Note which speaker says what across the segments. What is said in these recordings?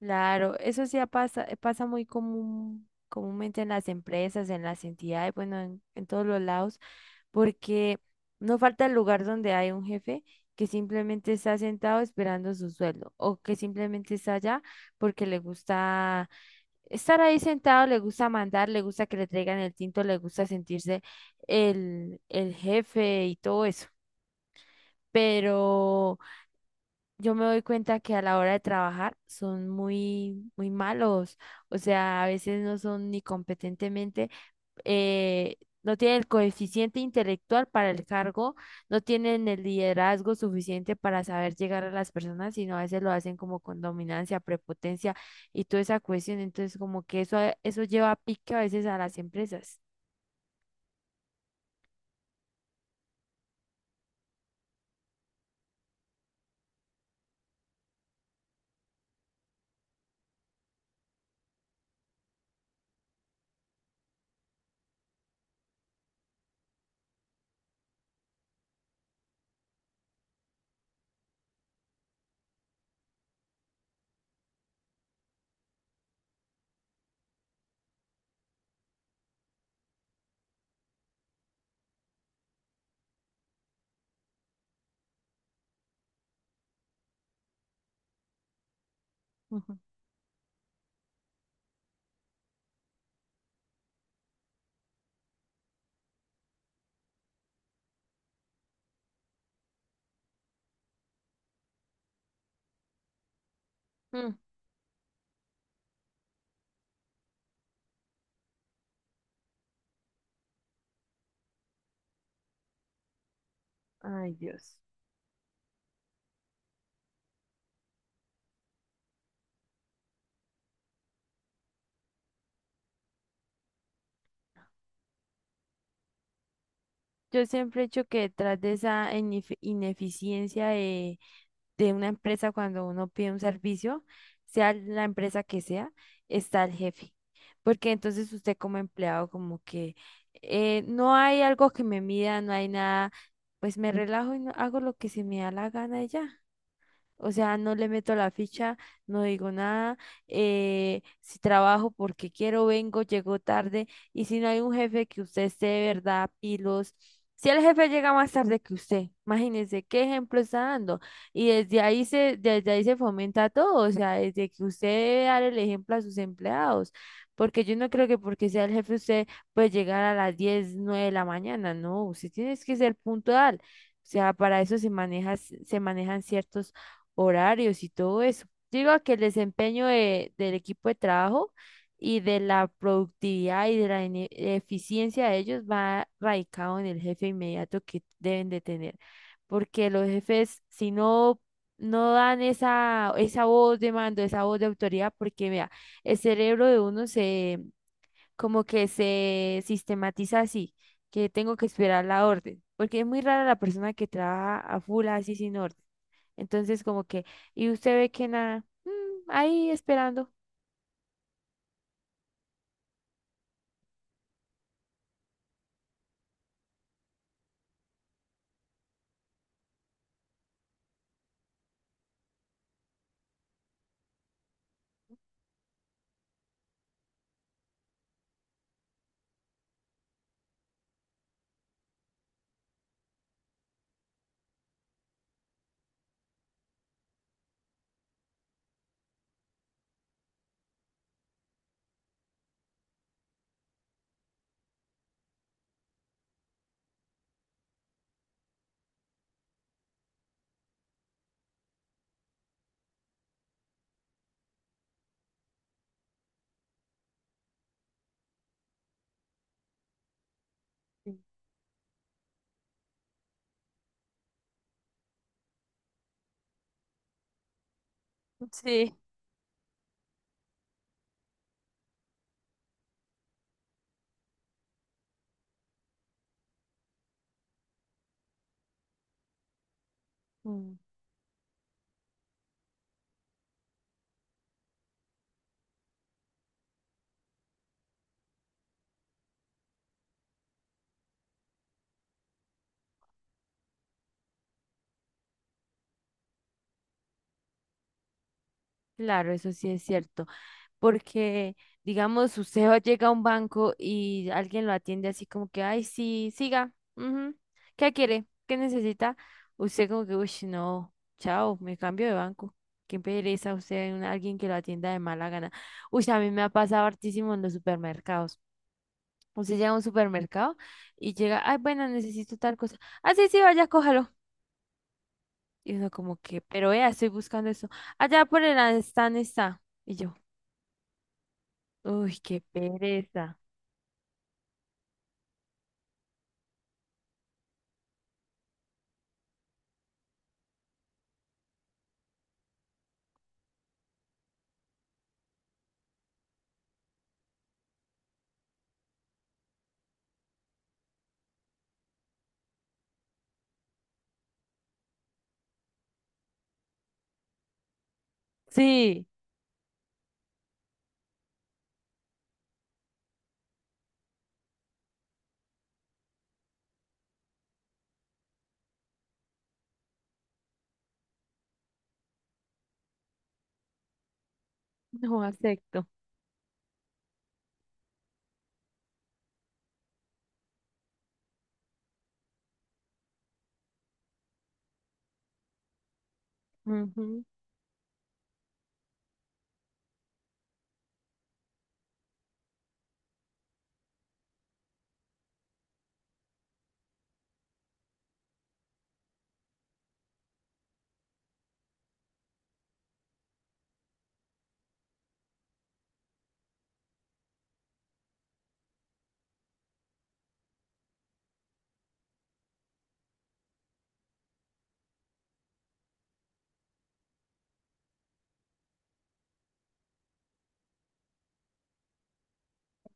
Speaker 1: Claro, eso sí pasa muy comúnmente en las empresas, en las entidades, bueno, en todos los lados, porque no falta el lugar donde hay un jefe que simplemente está sentado esperando su sueldo o que simplemente está allá porque le gusta estar ahí sentado, le gusta mandar, le gusta que le traigan el tinto, le gusta sentirse el jefe y todo eso. Pero yo me doy cuenta que a la hora de trabajar son muy, muy malos. O sea, a veces no son ni competentemente, eh, no tienen el coeficiente intelectual para el cargo, no tienen el liderazgo suficiente para saber llegar a las personas, sino a veces lo hacen como con dominancia, prepotencia y toda esa cuestión. Entonces, como que eso lleva a pique a veces a las empresas. Ujú. Mm. Ay, Dios. Yo siempre he dicho que detrás de esa ineficiencia de una empresa cuando uno pide un servicio, sea la empresa que sea, está el jefe. Porque entonces usted como empleado como que no hay algo que me mida, no hay nada, pues me relajo y hago lo que se me da la gana y ya. O sea, no le meto la ficha, no digo nada. Si trabajo porque quiero, vengo, llego tarde. Y si no hay un jefe que usted esté de verdad, pilos. Si el jefe llega más tarde que usted, imagínese qué ejemplo está dando. Y desde ahí se fomenta todo. O sea, desde que usted debe dar el ejemplo a sus empleados. Porque yo no creo que porque sea el jefe usted puede llegar a las 10 9 de la mañana. No, usted tiene que ser puntual. O sea, para eso se manejan ciertos horarios y todo eso. Yo digo que el desempeño del equipo de trabajo y de la productividad y de la eficiencia de ellos va radicado en el jefe inmediato que deben de tener, porque los jefes, si no, no dan esa voz de mando, esa voz de autoridad, porque vea, el cerebro de uno se como que se sistematiza así, que tengo que esperar la orden, porque es muy rara la persona que trabaja a full así sin orden. Entonces, como que, y usted ve que nada, ahí esperando. Sí. Mm, claro, eso sí es cierto. Porque, digamos, usted llega a un banco y alguien lo atiende así como que, ay, sí, siga, ujú, ¿qué quiere? ¿Qué necesita? Usted como que, uy, no, chao, me cambio de banco. Qué pereza usted, alguien que lo atienda de mala gana. Uy, a mí me ha pasado hartísimo en los supermercados. Usted llega a un supermercado y llega, ay, bueno, necesito tal cosa. Ah, sí, sí, vaya, cójalo. Y uno como que, pero vea, estoy buscando eso. Allá por el stand está. Y yo, uy, qué pereza. Sí, no acepto. Ujú.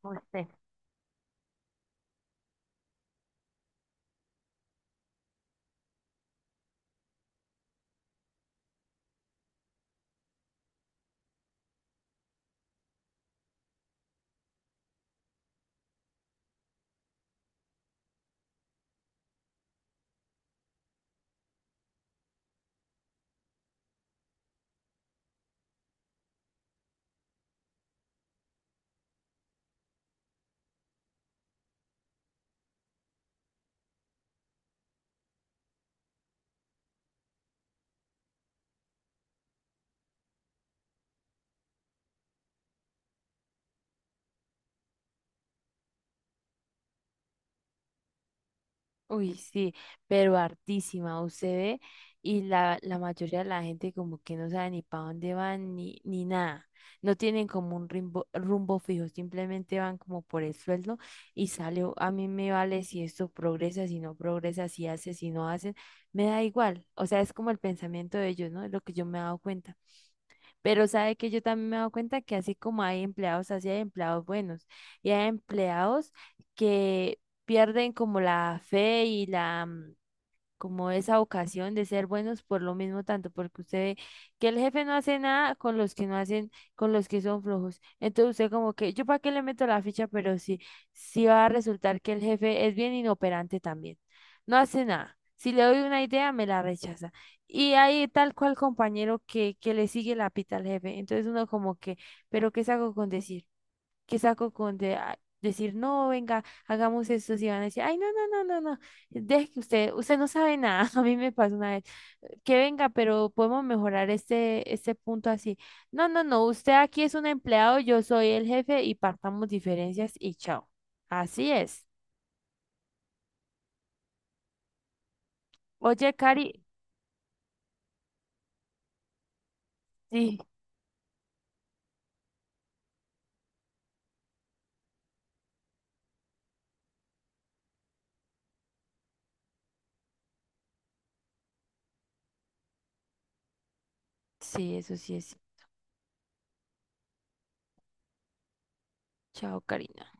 Speaker 1: No sé. Uy, sí, pero hartísima, usted ve, y la mayoría de la gente como que no sabe ni para dónde van ni nada. No tienen como un rumbo, rumbo fijo, simplemente van como por el sueldo y sale, a mí me vale si esto progresa, si no progresa, si hace, si no hacen, me da igual. O sea, es como el pensamiento de ellos, ¿no? Es lo que yo me he dado cuenta. Pero sabe que yo también me he dado cuenta que así como hay empleados, así hay empleados buenos y hay empleados que pierden como la fe y como esa ocasión de ser buenos por lo mismo tanto, porque usted ve que el jefe no hace nada con los que no hacen, con los que son flojos. Entonces usted como que, ¿yo para qué le meto la ficha? Pero sí, sí va a resultar que el jefe es bien inoperante también. No hace nada. Si le doy una idea, me la rechaza. Y hay tal cual compañero que le sigue la pita al jefe. Entonces uno como que, ¿pero qué saco con decir? Que saco con decir, no, venga, hagamos esto, si van a decir, ay, no, no, no, no, no, deje que usted, usted no sabe nada, a mí me pasó una vez, que venga, pero podemos mejorar este punto así, no, no, no, usted aquí es un empleado, yo soy el jefe y partamos diferencias y chao, así es. Oye, Cari, sí, sí, eso sí es, chao, Karina.